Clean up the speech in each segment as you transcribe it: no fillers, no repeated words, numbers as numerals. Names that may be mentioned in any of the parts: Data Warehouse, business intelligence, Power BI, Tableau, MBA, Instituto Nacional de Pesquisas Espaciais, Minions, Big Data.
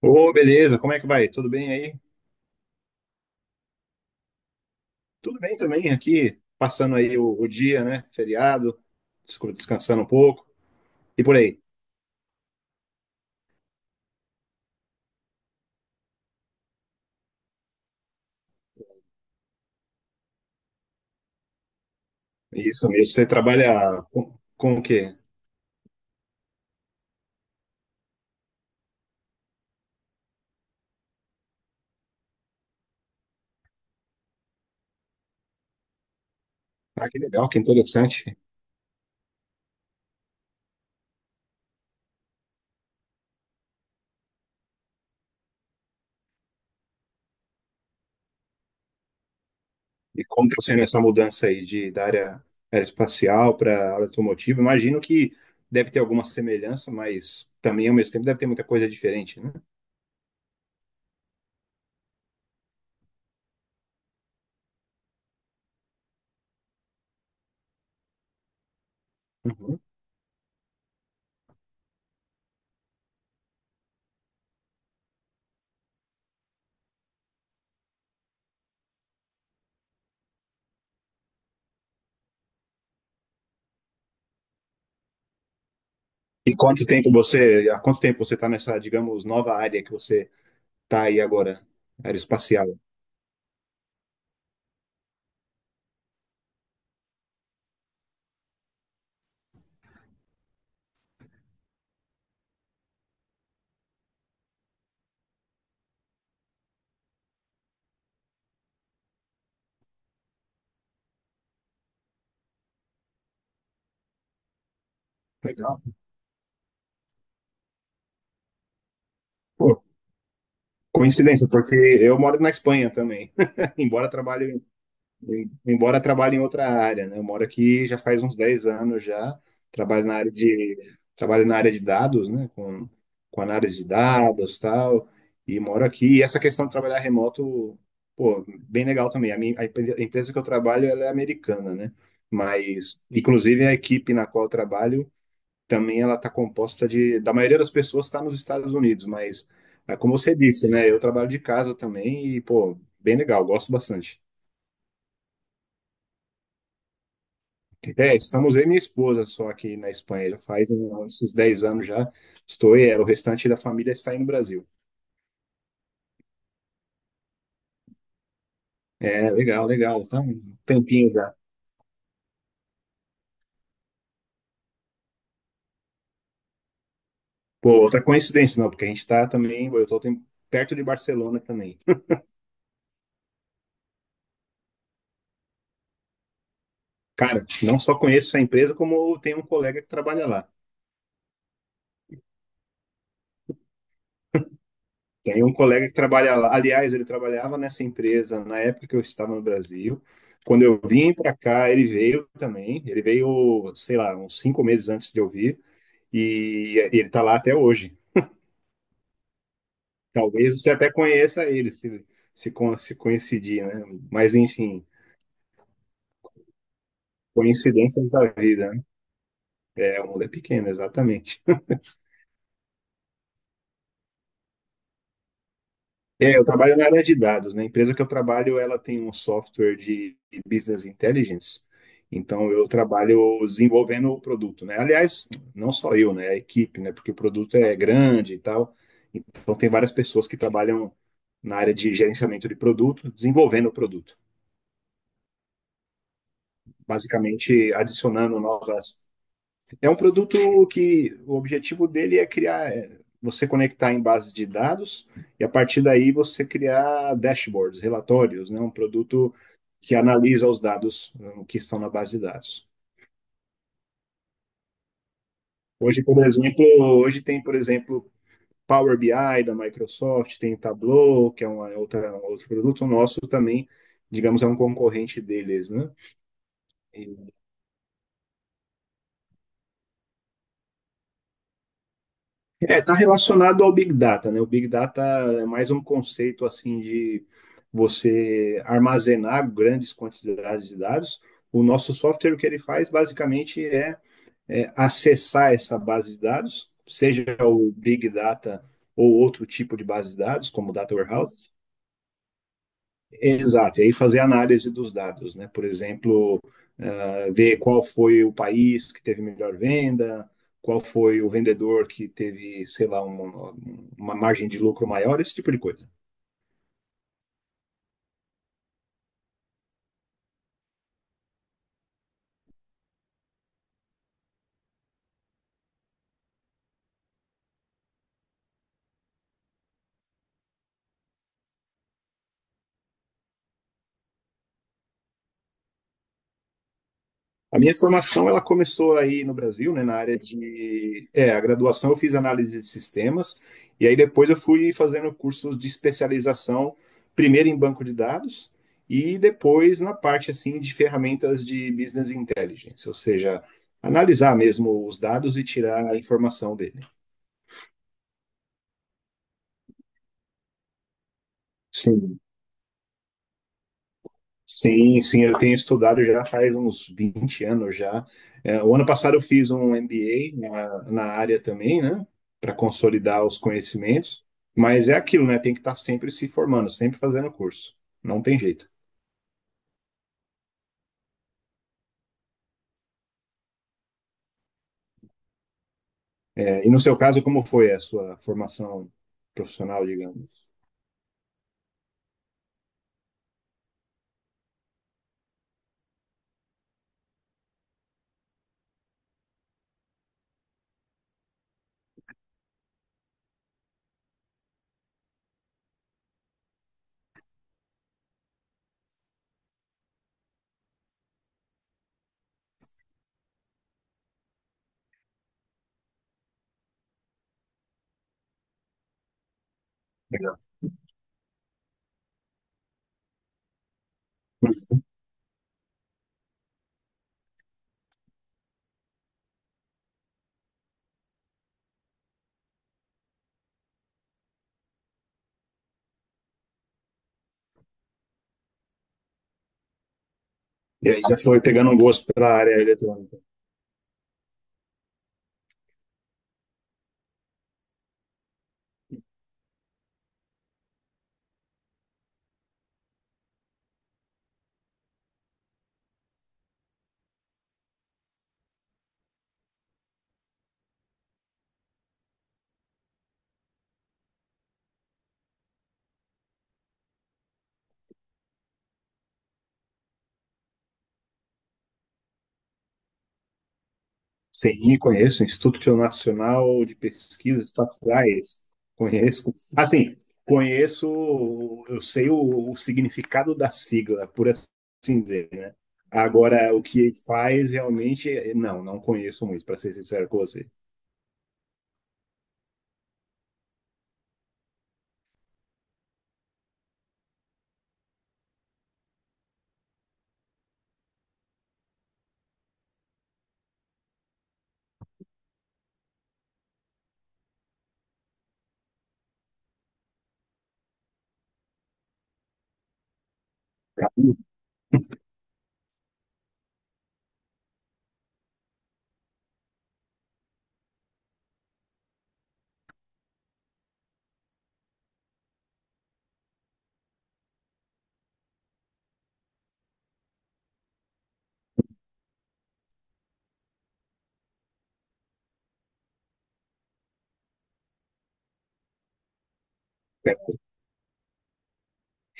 Ô, beleza, como é que vai? Tudo bem aí? Tudo bem também aqui, passando aí o dia, né? Feriado, descansando um pouco e por aí. Isso mesmo, você trabalha com o quê? Ah, que legal, que interessante. E como está sendo essa mudança aí da área aeroespacial para área automotiva? Imagino que deve ter alguma semelhança, mas também ao mesmo tempo deve ter muita coisa diferente, né? Uhum. E quanto tempo você, há quanto tempo você está nessa, digamos, nova área que você está aí agora, aeroespacial? Legal. Pô, coincidência, porque eu moro na Espanha também, embora trabalhe. Embora trabalhe em outra área, né? Eu moro aqui já faz uns 10 anos já, trabalho na área de, trabalho na área de dados, né? Com análise de dados tal, e moro aqui. E essa questão de trabalhar remoto, pô, bem legal também. A minha, a empresa que eu trabalho, ela é americana, né? Mas, inclusive, a equipe na qual eu trabalho também ela está composta de, da maioria das pessoas está nos Estados Unidos, mas, é como você disse, né? Eu trabalho de casa também e, pô, bem legal, gosto bastante. É, estamos eu e minha esposa só aqui na Espanha, já faz uns 10 anos já. Estou e ela, o restante da família está aí no Brasil. É, legal, legal, está um tempinho já. Pô, outra coincidência, não, porque a gente está também, eu estou perto de Barcelona também. Cara, não só conheço essa empresa, como tem um colega que trabalha lá. Tem um colega que trabalha lá. Aliás, ele trabalhava nessa empresa na época que eu estava no Brasil. Quando eu vim para cá, ele veio também. Ele veio, sei lá, uns cinco meses antes de eu vir. E ele está lá até hoje. Talvez você até conheça ele, se, se coincidir, né? Mas, enfim, coincidências da vida, né? É, o mundo é pequeno, exatamente. É, eu trabalho na área de dados, né? A empresa que eu trabalho, ela tem um software de business intelligence. Então, eu trabalho desenvolvendo o produto, né? Aliás, não só eu, né? A equipe, né? Porque o produto é grande e tal. Então, tem várias pessoas que trabalham na área de gerenciamento de produto, desenvolvendo o produto. Basicamente, adicionando novas. É um produto que o objetivo dele é criar, é, você conectar em bases de dados e a partir daí você criar dashboards, relatórios, né? Um produto que analisa os dados que estão na base de dados. Hoje, por exemplo, hoje tem, por exemplo, Power BI da Microsoft, tem Tableau, que é uma outra, um outro produto nosso também, digamos, é um concorrente deles, né? É, está relacionado ao Big Data, né? O Big Data é mais um conceito assim de você armazenar grandes quantidades de dados. O nosso software, o que ele faz basicamente é, é acessar essa base de dados, seja o Big Data ou outro tipo de base de dados, como Data Warehouse. Exato, e aí fazer análise dos dados, né? Por exemplo, ah, ver qual foi o país que teve melhor venda, qual foi o vendedor que teve, sei lá, uma margem de lucro maior, esse tipo de coisa. A minha formação ela começou aí no Brasil, né, na área de, é, a graduação eu fiz análise de sistemas e aí depois eu fui fazendo cursos de especialização, primeiro em banco de dados e depois na parte assim de ferramentas de business intelligence, ou seja, analisar mesmo os dados e tirar a informação dele. Sim. Sim, sim, eu tenho estudado já faz uns 20 anos já. É, o ano passado eu fiz um MBA na área também, né, para consolidar os conhecimentos, mas é aquilo, né, tem que estar sempre se formando, sempre fazendo curso, não tem jeito. É, e no seu caso, como foi a sua formação profissional, digamos? Legal. E aí já foi pegando um gosto pela área eletrônica. Sim, conheço, Instituto Nacional de Pesquisas Espaciais. Conheço. Assim, conheço, eu sei o significado da sigla, por assim dizer, né? Agora, o que ele faz realmente, não, não conheço muito, para ser sincero com você.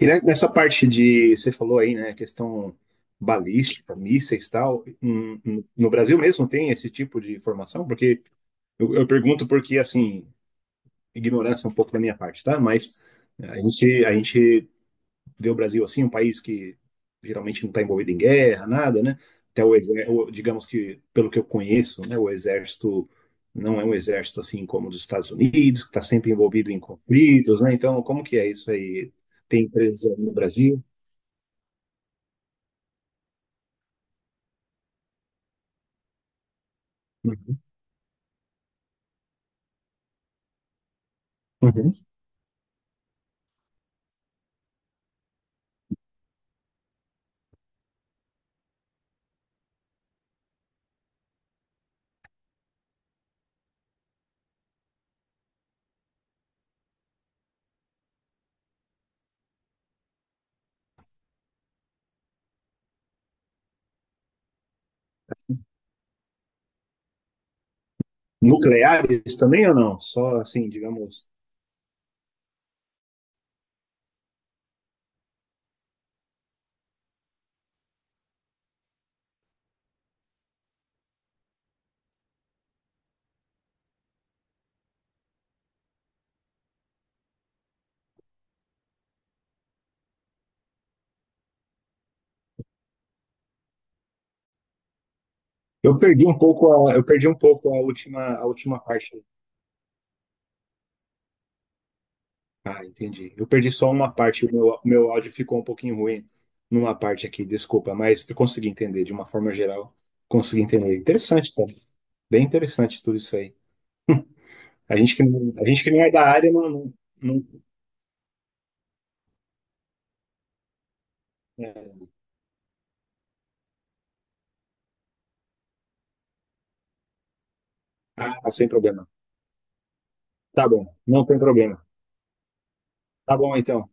E nessa parte de, você falou aí, né, questão balística, mísseis e tal, no no Brasil mesmo tem esse tipo de formação? Porque eu pergunto porque, assim, ignorância um pouco da minha parte, tá? Mas é, a gente vê o Brasil assim, um país que geralmente não está envolvido em guerra, nada, né? Até o exército, digamos que, pelo que eu conheço, né, o exército não é um exército assim como o dos Estados Unidos, que está sempre envolvido em conflitos, né? Então, como que é isso aí? Tem empresas aí no Brasil? Uhum. Uhum. Nucleares também ou não? Só assim, digamos. Eu perdi um pouco a, eu perdi um pouco a última parte. Ah, entendi. Eu perdi só uma parte, o meu áudio ficou um pouquinho ruim numa parte aqui, desculpa, mas eu consegui entender de uma forma geral. Consegui entender. Interessante, cara. Bem interessante tudo isso aí. A gente que não é da área não, não, não- é. Ah, sem problema. Tá bom, não tem problema. Tá bom então.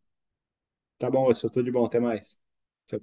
Tá bom, eu sou tudo de bom, até mais. Tchau.